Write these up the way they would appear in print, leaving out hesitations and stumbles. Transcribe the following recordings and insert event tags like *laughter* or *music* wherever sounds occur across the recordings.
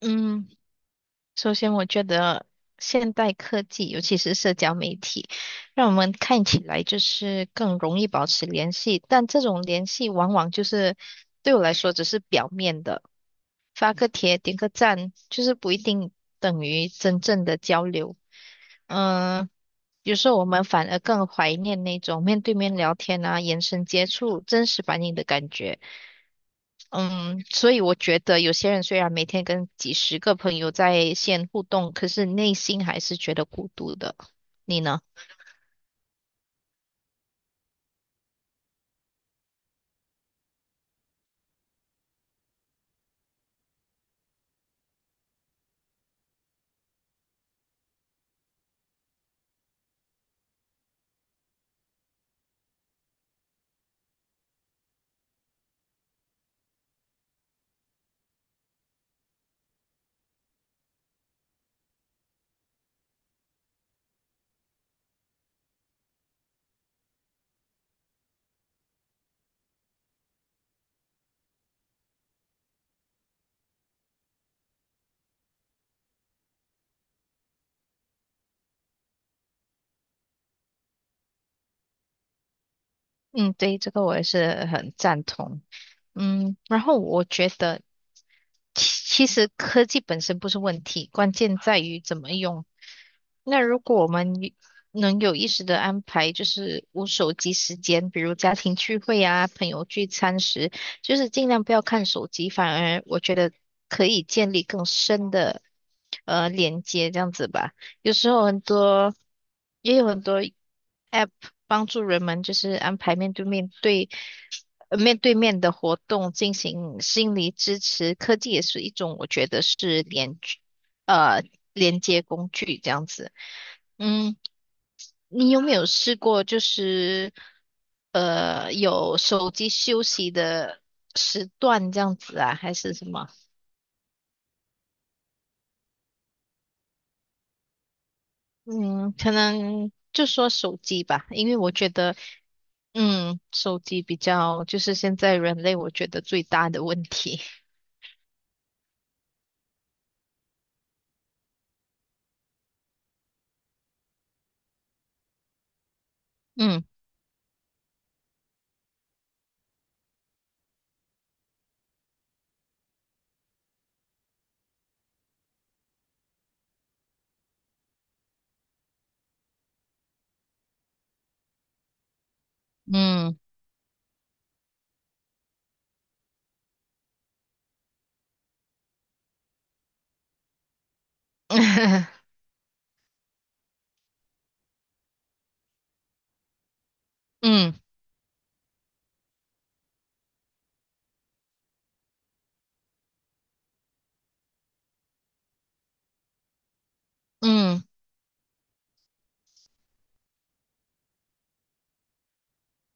嗯，首先我觉得现代科技，尤其是社交媒体，让我们看起来就是更容易保持联系，但这种联系往往就是对我来说只是表面的，发个帖、点个赞，就是不一定等于真正的交流。嗯、有时候我们反而更怀念那种面对面聊天啊、眼神接触、真实反应的感觉。嗯，所以我觉得有些人虽然每天跟几十个朋友在线互动，可是内心还是觉得孤独的。你呢？嗯，对，这个我也是很赞同。然后我觉得，其实科技本身不是问题，关键在于怎么用。那如果我们有能有意识的安排，就是无手机时间，比如家庭聚会啊、朋友聚餐时，就是尽量不要看手机，反而我觉得可以建立更深的连接，这样子吧。有时候很多，也有很多。帮助人们就是安排面对面的活动进行心理支持。科技也是一种，我觉得是呃连接工具这样子。嗯，你有没有试过就是有手机休息的时段这样子啊，还是什么？嗯，可能就说手机吧，因为我觉得，手机比较就是现在人类我觉得最大的问题。嗯嗯。 *laughs* 嗯嗯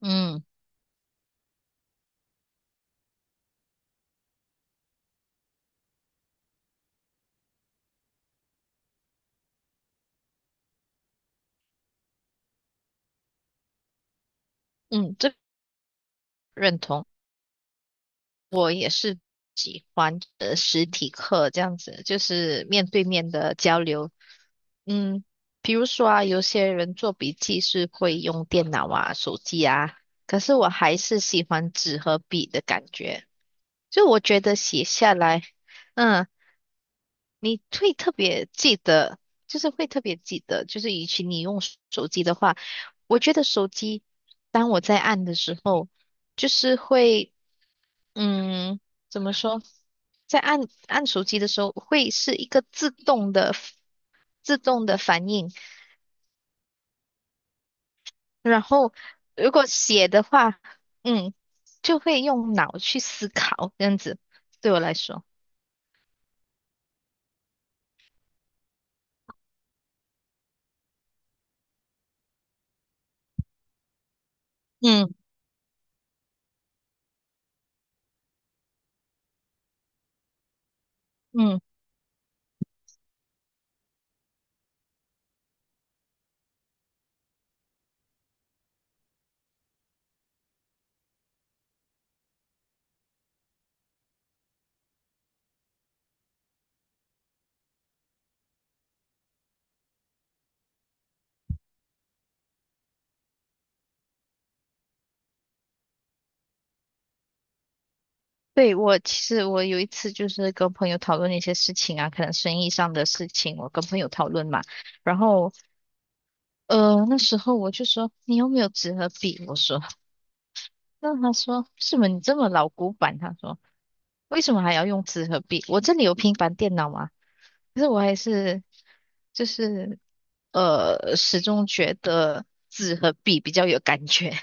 嗯嗯，这个认同，我也是的，就是面对面的交流。嗯，比如说啊，有些人做笔记是会用电脑啊、手机啊，可是我还是喜欢纸和笔的感觉。就我觉得写下来，嗯。你会特别记得，就是会特别记得，就是与其你用手机的话，我觉得手机，当我在按的时候，就是会，嗯，怎么说，在按手机的时候，会是一个自动的反应，然后如果写的话，嗯，就会用脑去思考，这样子对我来说，嗯嗯。对，我其实我有一次就是跟朋友讨论一些事情啊，可能生意上的事情，我跟朋友讨论嘛，然后那时候我就说你有没有纸和笔？我说，那他说是什么你这么老古板？他说为什么还要用纸和笔？我这里有平板电脑嘛，可是我还是就是始终觉得纸和笔比较有感觉，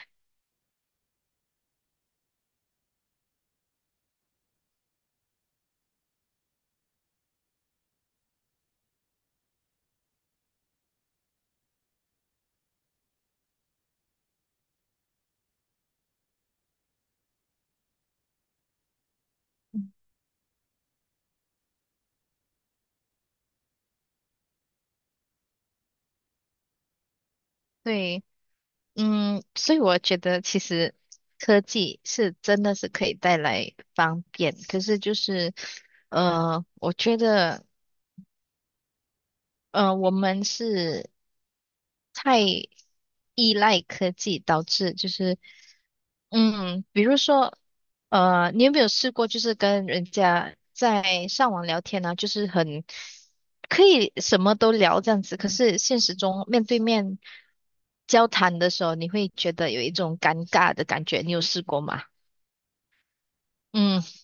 *laughs* 对。所以我觉得其实科技是真的是可以带来方便，可是就是，我觉得，我们是太依赖科技，导致就是，比如说，你有没有试过，就是跟人家在上网聊天呢、就是很可以什么都聊这样子，可是现实中面对面交谈的时候，你会觉得有一种尴尬的感觉，你有试过吗？嗯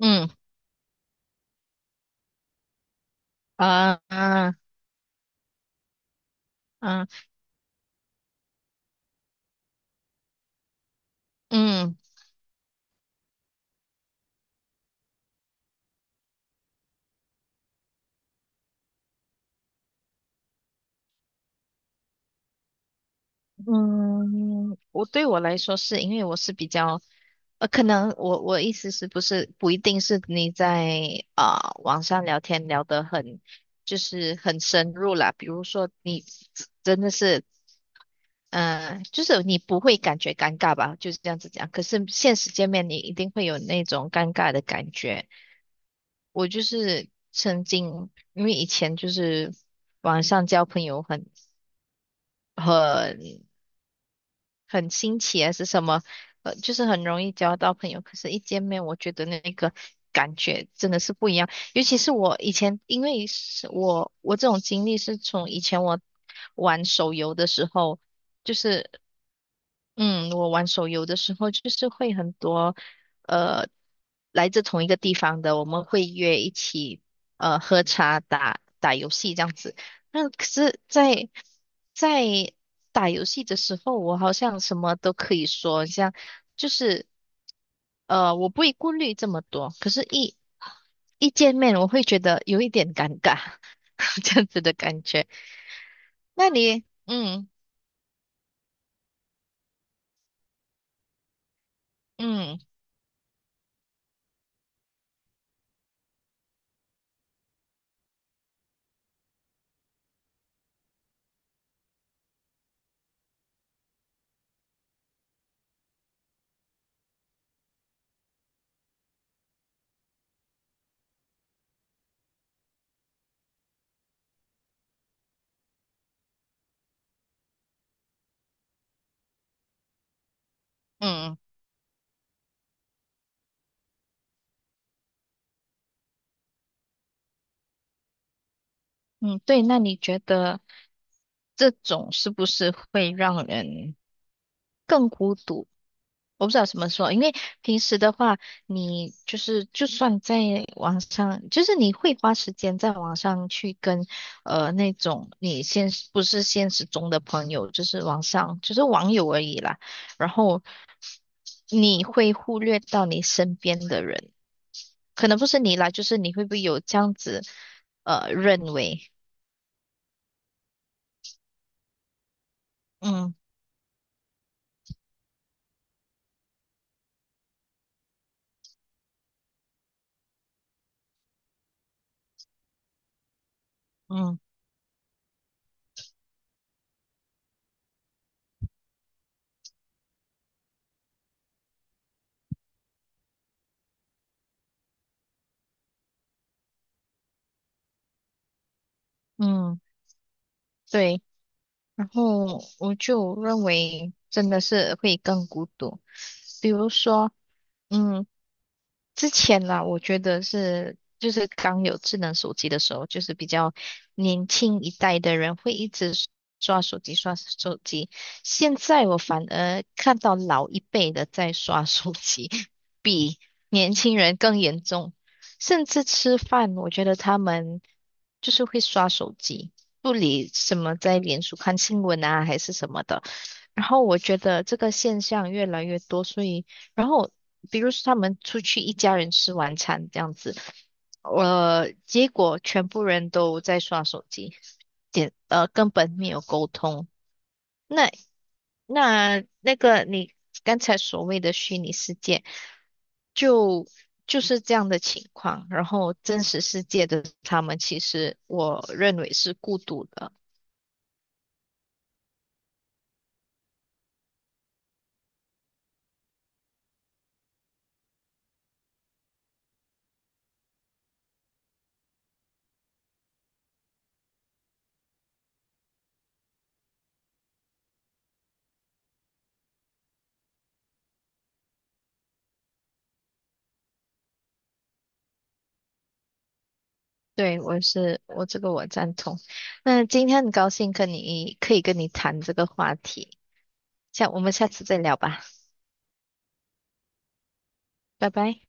嗯啊啊啊嗯对我来说是因为我是比较。可能我意思是不是不一定是你在啊、网上聊天聊得很就是很深入啦，比如说你真的是就是你不会感觉尴尬吧，就是这样子讲。可是现实见面，你一定会有那种尴尬的感觉。我就是曾经因为以前就是网上交朋友很很新奇还是什么，就是很容易交到朋友。可是，一见面，我觉得那个感觉真的是不一样。尤其是我以前，因为是我这种经历是从以前我玩手游的时候，就是嗯，我玩手游的时候，就是会很多，呃，来自同一个地方的，我们会约一起，喝茶、打打游戏这样子。那可是在，打游戏的时候，我好像什么都可以说，像就是，我不会顾虑这么多。可是一见面，我会觉得有一点尴尬，*laughs* 这样子的感觉。那你，嗯嗯嗯。嗯，对，那你觉得这种是不是会让人更孤独？我不知道怎么说，因为平时的话，你就是就算在网上，就是你会花时间在网上去跟那种你现实不是现实中的朋友，就是网上就是网友而已啦。然后你会忽略到你身边的人，可能不是你啦，就是你会不会有这样子认为？嗯嗯。嗯，对，然后我就认为真的是会更孤独。比如说，嗯。之前啦，我觉得是就是刚有智能手机的时候，就是比较年轻一代的人会一直刷手机刷手机。现在我反而看到老一辈的在刷手机，*laughs* 比年轻人更严重。甚至吃饭，我觉得他们就是会刷手机，不理什么在脸书看新闻啊，还是什么的。然后我觉得这个现象越来越多，所以，然后比如说他们出去一家人吃晚餐这样子，结果全部人都在刷手机，点根本没有沟通。那那个你刚才所谓的虚拟世界，就就是这样的情况。然后真实世界的他们，其实我认为是孤独的。对，我是，我这个我赞同。那今天很高兴可以跟你谈这个话题，我们下次再聊吧，拜拜。